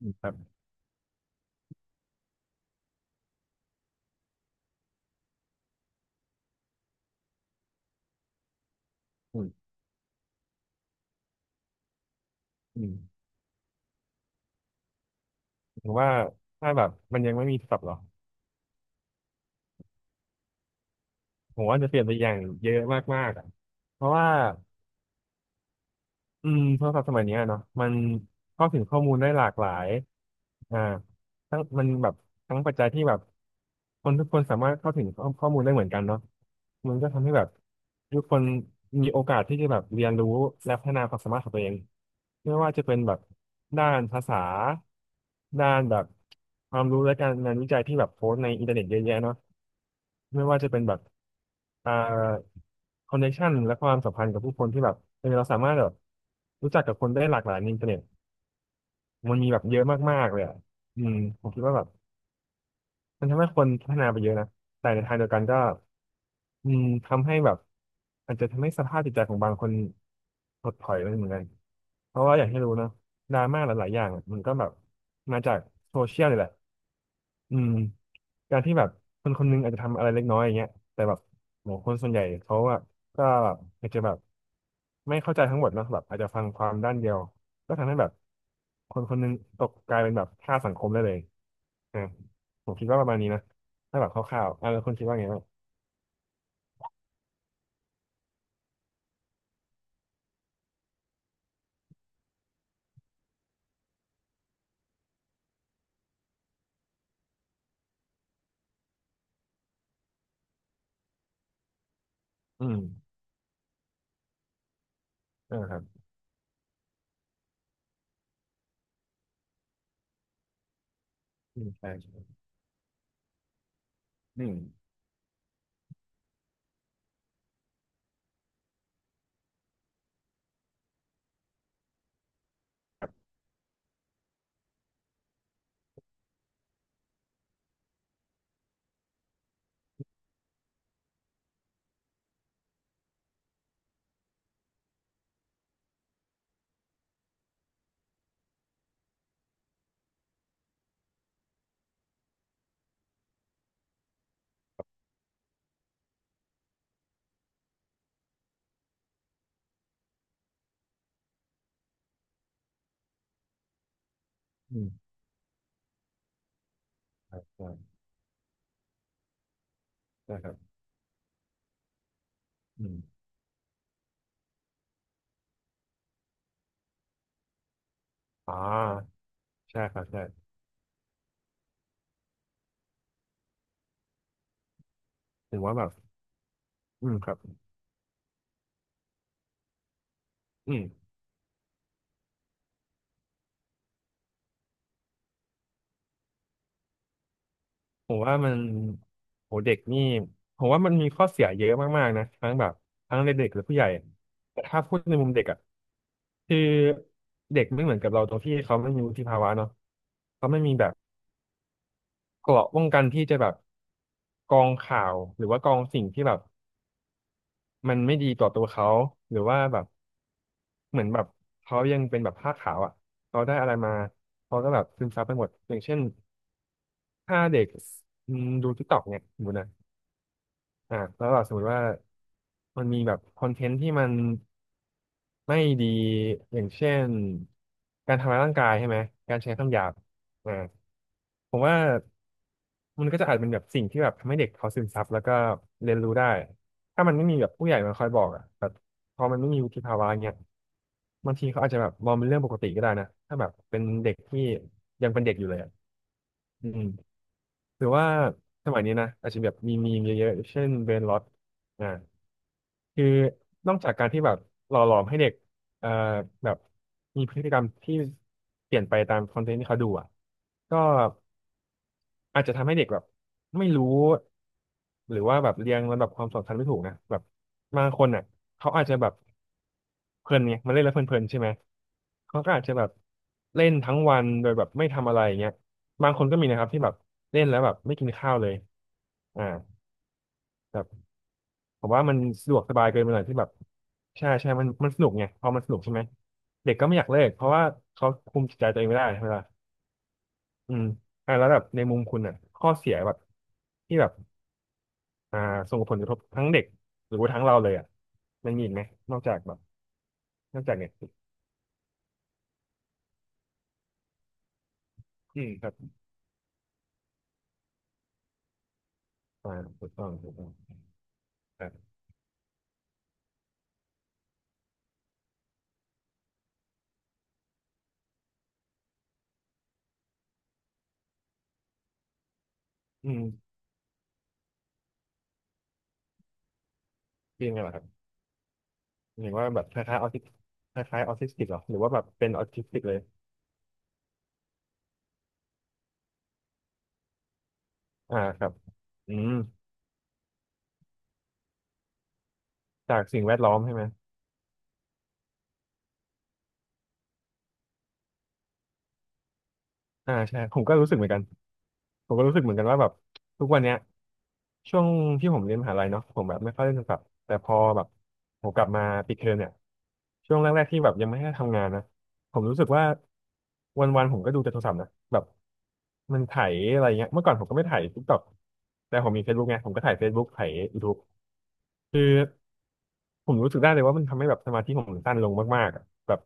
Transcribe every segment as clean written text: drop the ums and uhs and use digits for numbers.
อืมครับอืมอืมผมว่าถ้าแบบมันยังไม่มีศัพท์หรอผมว่าจะเปลี่ยนไปอย่างเยอะมากๆอะเพราะว่า อืมโทรศัพท์สมัยเนี้ยเนาะมันเข้าถึงข้อมูลได้หลากหลายอ่าทั้งมันแบบทั้งปัจจัยที่แบบคนทุกคนสามารถเข้าถึงข้อมูลได้เหมือนกันเนาะมันก็ทำให้แบบทุกคนมีโอกาสที่จะแบบเรียนรู้และพัฒนาความสามารถของตัวเองไม่ว่าจะเป็นแบบด้านภาษาด้านแบบความรู้และการงานวิจัยที่แบบโพสต์ในอินเทอร์เน็ตเยอะแยะเนาะ ไม่ว่าจะเป็นแบบอ่าคอนเนคชันและความสัมพันธ์กับผู้คนที่แบบเราสามารถแบบรู้จักกับคนได้หลากหลายในอินเทอร์เน็ตมันมีแบบเยอะมากๆเลยอ่ะอืมผมคิดว่าแบบมันทำให้คนพัฒนาไปเยอะนะแต่ในทางเดียวกันก็อืมทำให้แบบอาจจะทำให้สภาพจิตใจของบางคนถดถอยไปเหมือนกันเพราะว่าอย่างที่รู้เนอะดราม่าหลายๆอย่างอะมันก็แบบมาจากโซเชียลนี่แหละ อืมการที่แบบคนคนหนึงอาจจะทำอะไรเล็กน้อยอย่างเงี้ยแต่แบบโหคนส่วนใหญ่เขาอะก็อาจจะแบบไม่เข้าใจทั้งหมดเนอะแบบอาจจะฟังความด้านเดียวก็ทำให้แบบคนคนหนึงตกกลายเป็นแบบค่าสังคมได้เลยอ่าผมคิดว่าประมาณนี้นะถ้าแบบคร่าวๆอ่าแล้วคนคิดว่าไงบ้างอืมอ่าครับอืมใช่ใช่อืมอืมครับใช่ใช่ครับอืมอ่าใช่ครับใช่ถือว่าแบบอืมครับอืม ผมว่ามันโหเด็กนี่ผมว่ามันมีข้อเสียเยอะมากๆนะทั้งแบบทั้งในเด็กและผู้ใหญ่แต่ถ้าพูดในมุมเด็กอ่ะคือเด็กไม่เหมือนกับเราตรงที่เขาไม่มีวุฒิภาวะเนาะเขาไม่มีแบบเกราะป้องกันที่จะแบบกรองข่าวหรือว่ากรองสิ่งที่แบบมันไม่ดีต่อตัวเขาหรือว่าแบบเหมือนแบบเขายังเป็นแบบผ้าขาวอ่ะเขาได้อะไรมาเขาก็แบบซึมซับไปหมดอย่างเช่นถ้าเด็กอืมดูทิกตอกเนี่ยสมมตินะ อ่าแล้วแบบสมมติว่ามันมีแบบคอนเทนต์ที่มันไม่ดีอย่างเช่นการทำร้ายร่างกายใช่ไหมการใช้คำหยาบอ่าผมว่ามันก็จะอาจเป็นแบบสิ่งที่แบบทำให้เด็กเขาซึมซับแล้วก็เรียนรู้ได้ถ้ามันไม่มีแบบผู้ใหญ่มาคอยบอกอ่ะแบบพอมันไม่มีวุฒิภาวะเงี้ยบางทีเขาอาจจะแบบมองเป็นเรื่องปกติก็ได้นะถ้าแบบเป็นเด็กที่ยังเป็นเด็กอยู่เลยอ่ะอืม หรือว่าสมัยนี้นะอาจจะแบบมีมีมเยอะๆเช่นเบรนล็อตอ่าคือนอกจากการที่แบบหล่อหลอมให้เด็กเอ่อแบบมีพฤติกรรมที่เปลี่ยนไปตามคอนเทนต์ที่เขาดูอ่ะก็อาจจะทำให้เด็กแบบไม่รู้หรือว่าแบบเรียงลำดับความสำคัญไม่ถูกนะแบบบางคนอ่ะเขาอาจจะแบบเพลินไงมันเล่นแล้วเพลินๆใช่ไหมเขาก็อาจจะแบบเล่นทั้งวันโดยแบบไม่ทำอะไรอย่างเงี้ยบางคนก็มีนะครับที่แบบเล่นแล้วแบบไม่กินข้าวเลย อ่าแบบผมว่ามันสะดวกสบายเกินไปหน่อยที่แบบใช่ใช่มันสนุกไงพอมันสนุกใช่ไหมเด็กก็ไม่อยากเลิกเพราะว่าเขาคุมจิตใจตัวเองไม่ได้ใช่ไหมล่ะอืมอ่าแล้วแบบในมุมคุณอ่ะข้อเสียแบบที่แบบอ่าส่งผลกระทบทั้งเด็กหรือว่าทั้งเราเลยอ่ะมันมีอีกไหมนอกจากแบบนอกจากเนี่ยอืมครับอ่าถูกต้องถูกต้องครับอืมเป็นไงล่ะครับหรือว่าแบบคล้ายๆออทิสคล้ายๆออทิสติกเหรอหรือว่าแบบเป็นออทิสติกเลยอ่าครับอืมจากสิ่งแวดล้อมใช่ไหม อ่าใช่ผมก็รู้สึกเหมือนกันผมก็รู้สึกเหมือนกันว่าแบบทุกวันเนี้ยช่วงที่ผมเรียนมหาลัยเนาะผมแบบไม่ค่อยเล่นโทรศัพท์แต่พอแบบผมกลับมาปิดเทอมเนี่ยช่วงแรกๆที่แบบยังไม่ได้ทำงานนะผมรู้สึกว่าวันๆผมก็ดูแต่โทรศัพท์นะแบบมันไถอะไรเงี้ยเมื่อก่อนผมก็ไม่ไถทิกตอกแต่ผมมี Facebook ไงผมก็ไถ่าย Facebook ไถ่าย YouTube คือผมรู้สึกได้เลยว่ามันทำให้แบบสมาธิผมสั้นลงมากๆอะแบบ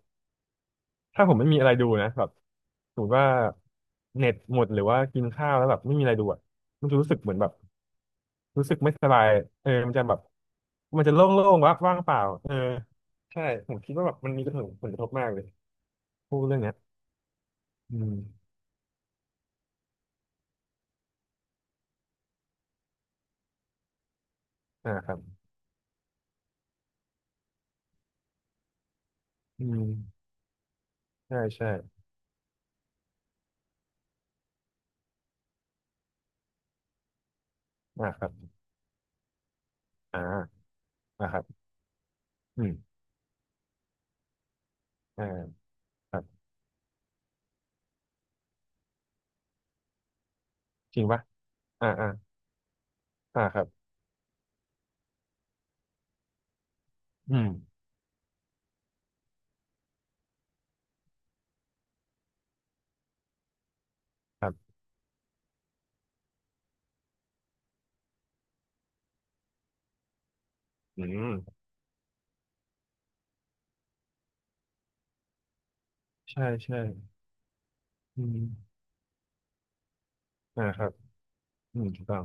ถ้าผมไม่มีอะไรดูนะแบบสมมติว่าเน็ตหมดหรือว่ากินข้าวแล้วแบบไม่มีอะไรดูอ่ะมันจะรู้สึกเหมือนแบบรู้สึกไม่สบายมันจะแบบมันจะโล่งๆว่างว่างเปล่าใช่ผมคิดว่าแบบมันมีกระทบผลกระทบมากเลยพูดเรื่องเนี้ยอืมอ่าครับอืมใช่ใช่อ่าครับอ่าอ่าครับอืมอ่าครับจริงปะอ่าอ่าอ่าครับอืมครับอืมใช่ใช่อืมอ่าครับอืมถูกต้อง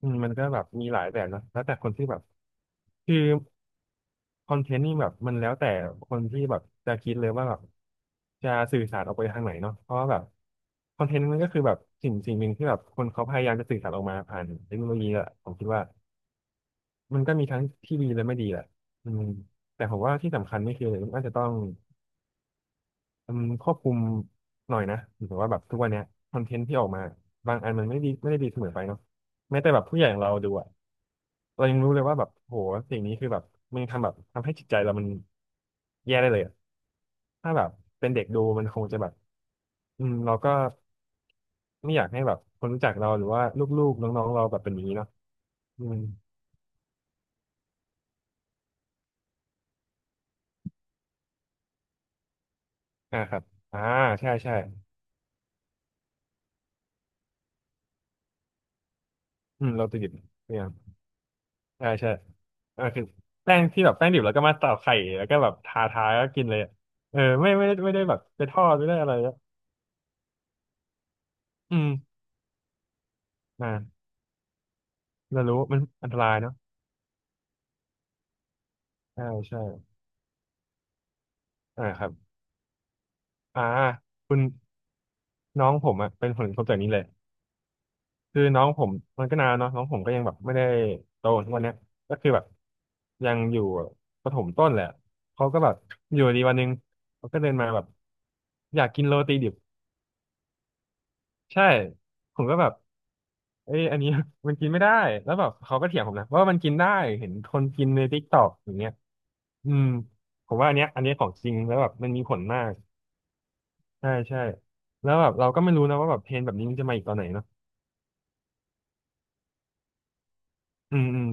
อืมมันก็แบบมีหลายแบบนะแล้วแต่คนที่แบบคือคอนเทนต์นี่แบบมันแล้วแต่คนที่แบบจะคิดเลยว่าแบบจะสื่อสารออกไปทางไหนเนาะเพราะว่าแบบคอนเทนต์มันก็คือแบบสิ่งหนึ่งที่แบบคนเขาพยายามจะสื่อสารออกมาผ่านเทคโนโลยีอะผมคิดว่ามันก็มีทั้งที่ดีและไม่ดีแหละอืมแต่ผมว่าที่สำคัญนี่คือมันอาจจะต้องอืมควบคุมหน่อยนะหรือว่าแบบทุกวันเนี้ยคอนเทนต์ที่ออกมาบางอันมันไม่ดีไม่ได้ดีเสมอไปเนาะแม้แต่แบบผู้ใหญ่อย่างเราดูอะ เรายังรู้เลยว่าแบบโหสิ่งนี้คือแบบมันทำแบบทำให้จิตใจเรามันแย่ได้เลยอะถ้าแบบเป็นเด็กดูมันคงจะแบบอืมเราก็ไม่อยากให้แบบคนรู้จักเราหรือว่าลูกๆน้องๆเราแบบเป็นอย่างนี้เนาะอืมอ่าครับอ่าใช่ใช่อืมเราติดดิบเนี่ยใช่ใช่อ่าคือแป้งดิบแล้วก็มาตอกไข่แล้วก็แบบทาก็กินเลยอะไม่ได้แบบไปทอดไม่ได้อะไรอะอืมอ่าเรารู้มันอันตรายเนาะใช่ใช่อ่าครับ อ่าคุณน้องผมอ่ะเป็นผลกระทบจากนี้เลยคือน้องผมมันก็นานแล้วเนาะน้องผมก็ยังแบบไม่ได้โตทุกวันเนี้ยก็คือแบบยังอยู่ประถมต้นแหละเขาก็แบบอยู่ดีวันหนึงเขาก็เดินมาแบบอยากกินโรตีดิบใช่ผมก็แบบเอ้ยอันนี้ มันกินไม่ได้แล้วแบบเขาก็เถียงผมนะว่ามันกินได้เห็นคนกินในทิกตอกอย่างเงี้ยอืมผมว่าอันเนี้ยของจริงแล้วแบบมันมีผลมากใช่ใช่แล้วแบบเราก็ไม่รู้นะว่าแบบเพลงแบบนี้มันจะมาอีกตอนไหนเนาะ อืมอืม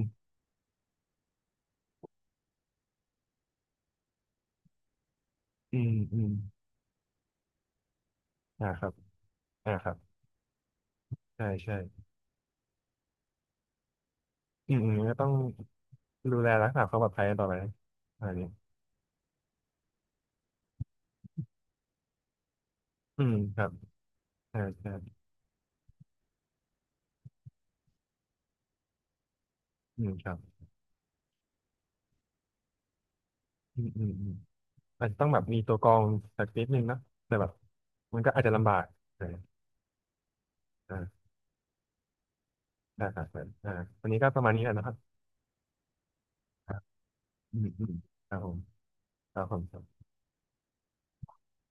อืมอืมอ่าครับอ่าครับใช่ใช่อืมอืมก็ต้องดูแลรักษาความปลอดภัยต่อไปอะไรนี้อืมครับใช่ใช่อืมครับอืมอืมอืมอาจจะต้องแบบมีตัวกรองสักนิดนึงเนอะแต่แบบมันก็อาจจะลำบากเอออ่าได้ครับอ่าวันนี้ก็ประมาณนี้แหละนะครับครับอืมอืมครับผมครับผม